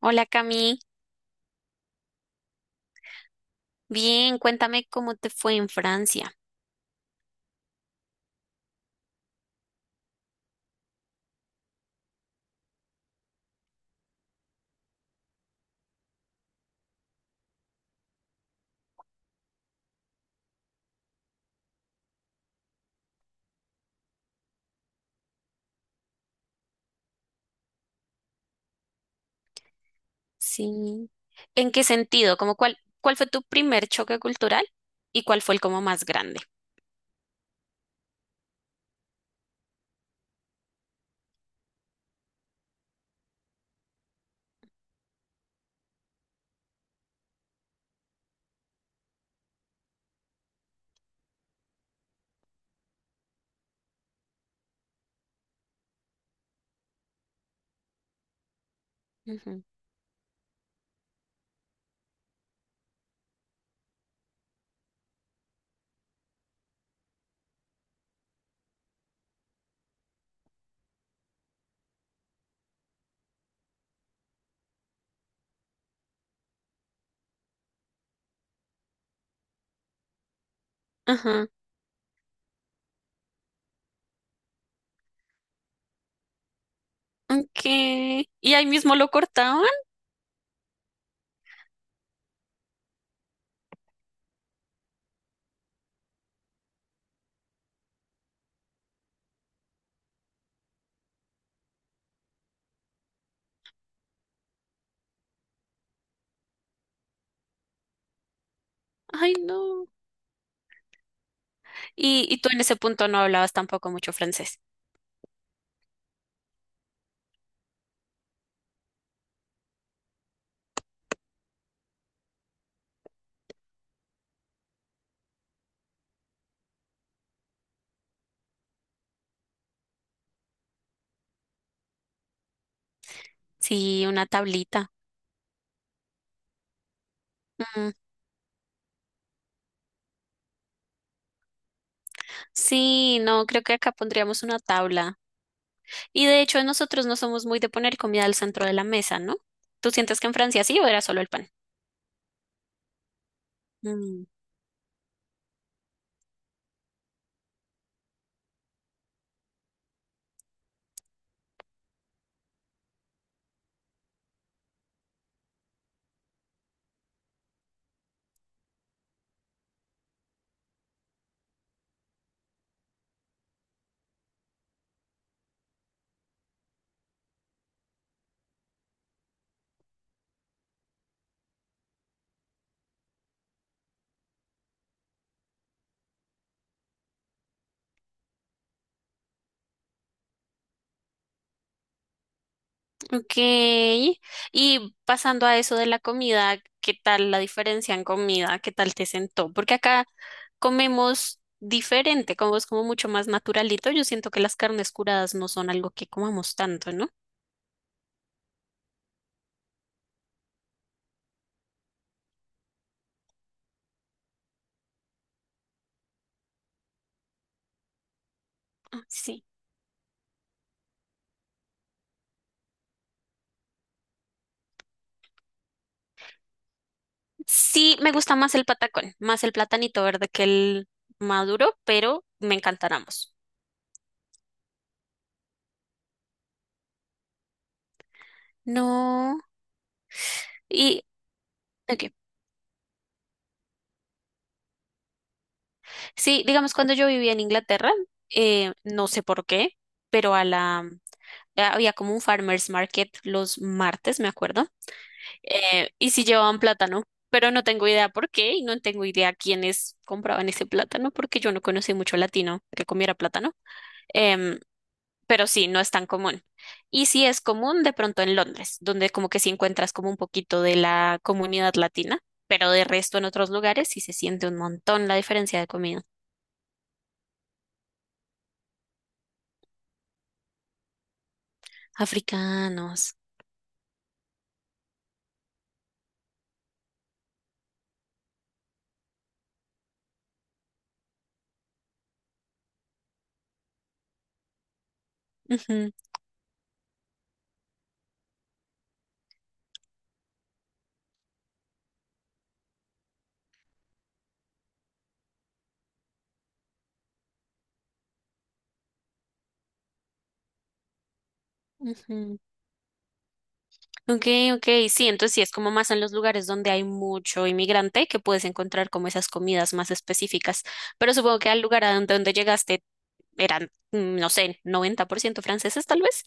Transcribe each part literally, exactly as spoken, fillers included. Hola Cami, bien, cuéntame cómo te fue en Francia. Sí. ¿En qué sentido? ¿Como cuál, cuál fue tu primer choque cultural y cuál fue el como más grande? Ujú. Ajá. Aunque... Y ahí mismo lo cortaban. Ay, no. Y, y tú en ese punto no hablabas tampoco mucho francés. Sí, una tablita. Mm, sí, no, creo que acá pondríamos una tabla. Y de hecho, nosotros no somos muy de poner comida al centro de la mesa, ¿no? ¿Tú sientes que en Francia sí o era solo el pan? Mm. Ok. Y pasando a eso de la comida, ¿qué tal la diferencia en comida? ¿Qué tal te sentó? Porque acá comemos diferente, como es como mucho más naturalito. Yo siento que las carnes curadas no son algo que comamos tanto, ¿no? Ah, sí. Sí, me gusta más el patacón, más el platanito verde que el maduro, pero me encantan ambos. No. Y, ok. Sí, digamos, cuando yo vivía en Inglaterra, eh, no sé por qué, pero a la ah, había como un farmers market los martes, me acuerdo, eh, y sí llevaban plátano, pero no tengo idea por qué y no tengo idea quiénes compraban ese plátano porque yo no conocí mucho latino que comiera plátano, em, pero sí, no es tan común. Y sí es común de pronto en Londres, donde como que sí encuentras como un poquito de la comunidad latina, pero de resto en otros lugares sí se siente un montón la diferencia de comida. Africanos. Ujú, ujú. Ok, ok, sí, entonces sí es como más en los lugares donde hay mucho inmigrante que puedes encontrar como esas comidas más específicas, pero supongo que al lugar a donde, donde llegaste eran, mm, no sé, noventa por ciento franceses tal vez.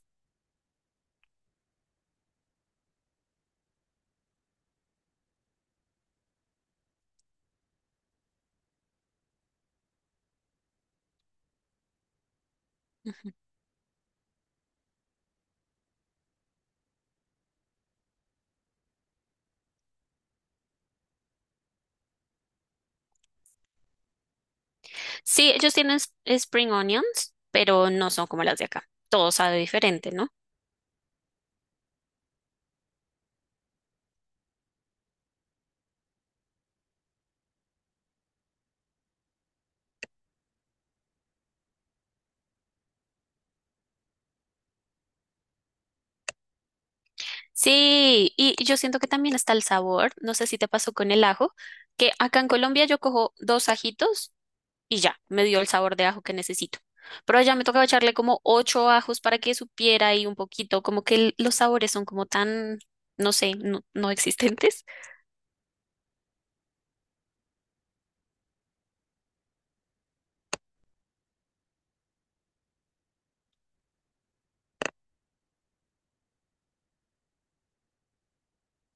Sí, ellos tienen s- spring onions, pero no son como las de acá. Todo sabe diferente, ¿no? Sí, y yo siento que también está el sabor, no sé si te pasó con el ajo, que acá en Colombia yo cojo dos ajitos y ya, me dio el sabor de ajo que necesito. Pero allá me tocaba echarle como ocho ajos para que supiera y un poquito, como que el- los sabores son como tan, no sé, no, no existentes.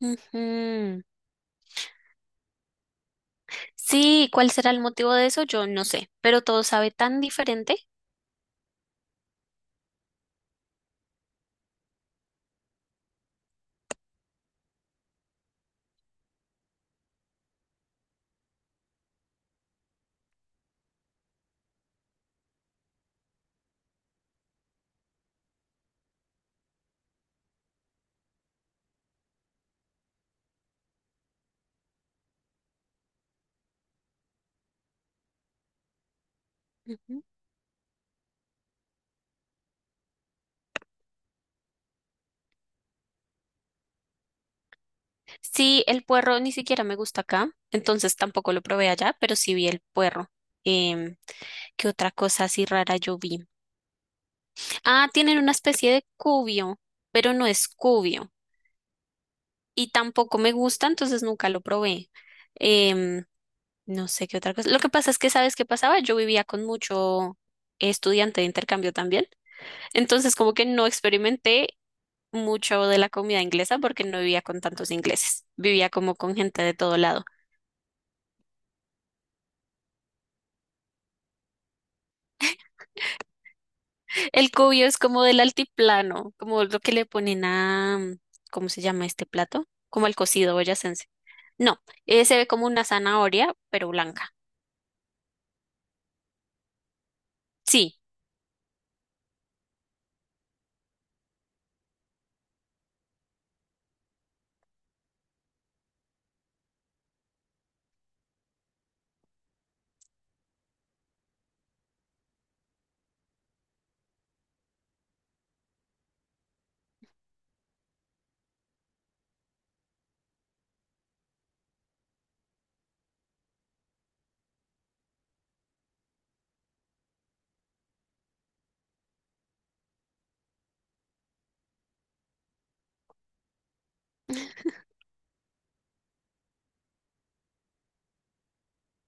Ujú. Sí, ¿cuál será el motivo de eso? Yo no sé, pero todo sabe tan diferente. Ujú. Sí, el puerro ni siquiera me gusta acá, entonces tampoco lo probé allá, pero sí vi el puerro. Em, ¿Qué otra cosa así rara yo vi? Ah, tienen una especie de cubio, pero no es cubio. Y tampoco me gusta, entonces nunca lo probé. Em, no sé qué otra cosa. Lo que pasa es que, ¿sabes qué pasaba? Yo vivía con mucho estudiante de intercambio también, entonces como que no experimenté mucho de la comida inglesa porque no vivía con tantos ingleses, vivía como con gente de todo lado. El cubio es como del altiplano, como lo que le ponen a, mm, ¿cómo se llama este plato? Como el cocido boyacense. No, eh, se ve como una zanahoria, pero blanca. Sí.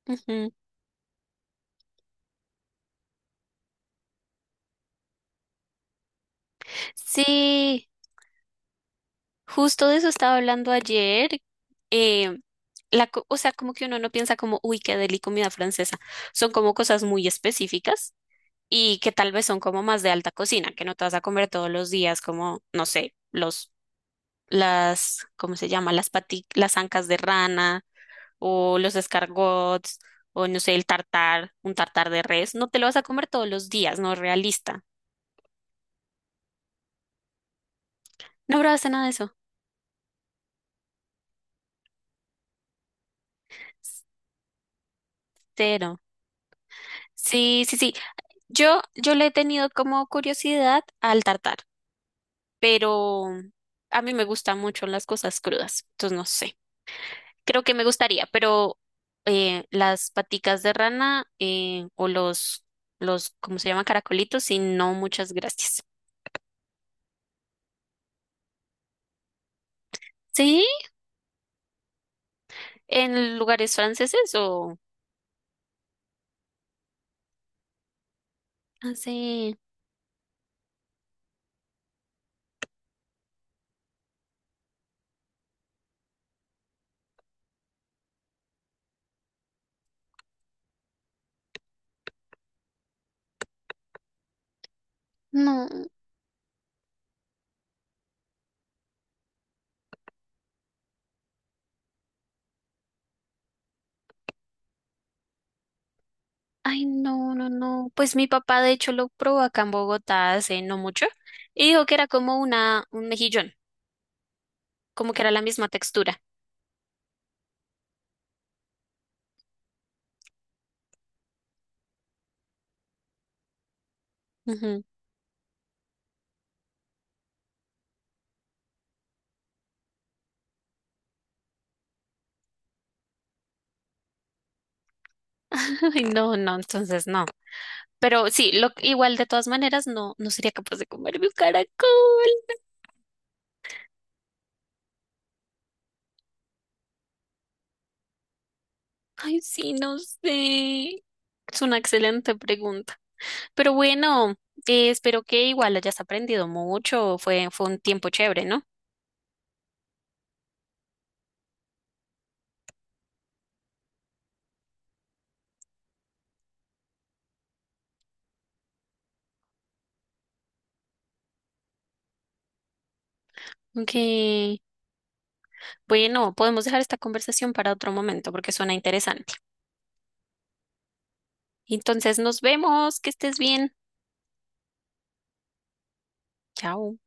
Ujú. Sí. Justo de eso estaba hablando ayer. eh, la, co- o sea, como que uno no piensa como, uy, qué deli comida francesa. Son como cosas muy específicas y que tal vez son como más de alta cocina, que no te vas a comer todos los días, como, no sé, los, las, ¿cómo se llama? Las pati, las ancas de rana o los escargots o no sé, el tartar, un tartar de res. No te lo vas a comer todos los días, no es realista. No probaste nada de eso. Cero. Sí, sí, sí. Yo, yo le he tenido como curiosidad al tartar, pero a mí me gustan mucho las cosas crudas, entonces no sé. Creo que me gustaría, pero eh, las paticas de rana eh, o los, los, ¿cómo se llaman? Caracolitos, y no, muchas gracias. ¿Sí? ¿En lugares franceses o...? Ah, sí. No. Ay, no, no, no. Pues mi papá de hecho lo probó acá en Bogotá hace no mucho y dijo que era como una, un mejillón, como que era la misma textura. Ay, no, no, entonces no. Pero sí, lo, igual de todas maneras no, no sería capaz de comerme un caracol. Ay, sí, no sé. Es una excelente pregunta. Pero bueno, eh, espero que igual hayas aprendido mucho. Fue, fue un tiempo chévere, ¿no? Aunque, bueno, podemos dejar esta conversación para otro momento porque suena interesante. Entonces, nos vemos. Que estés bien. Chao.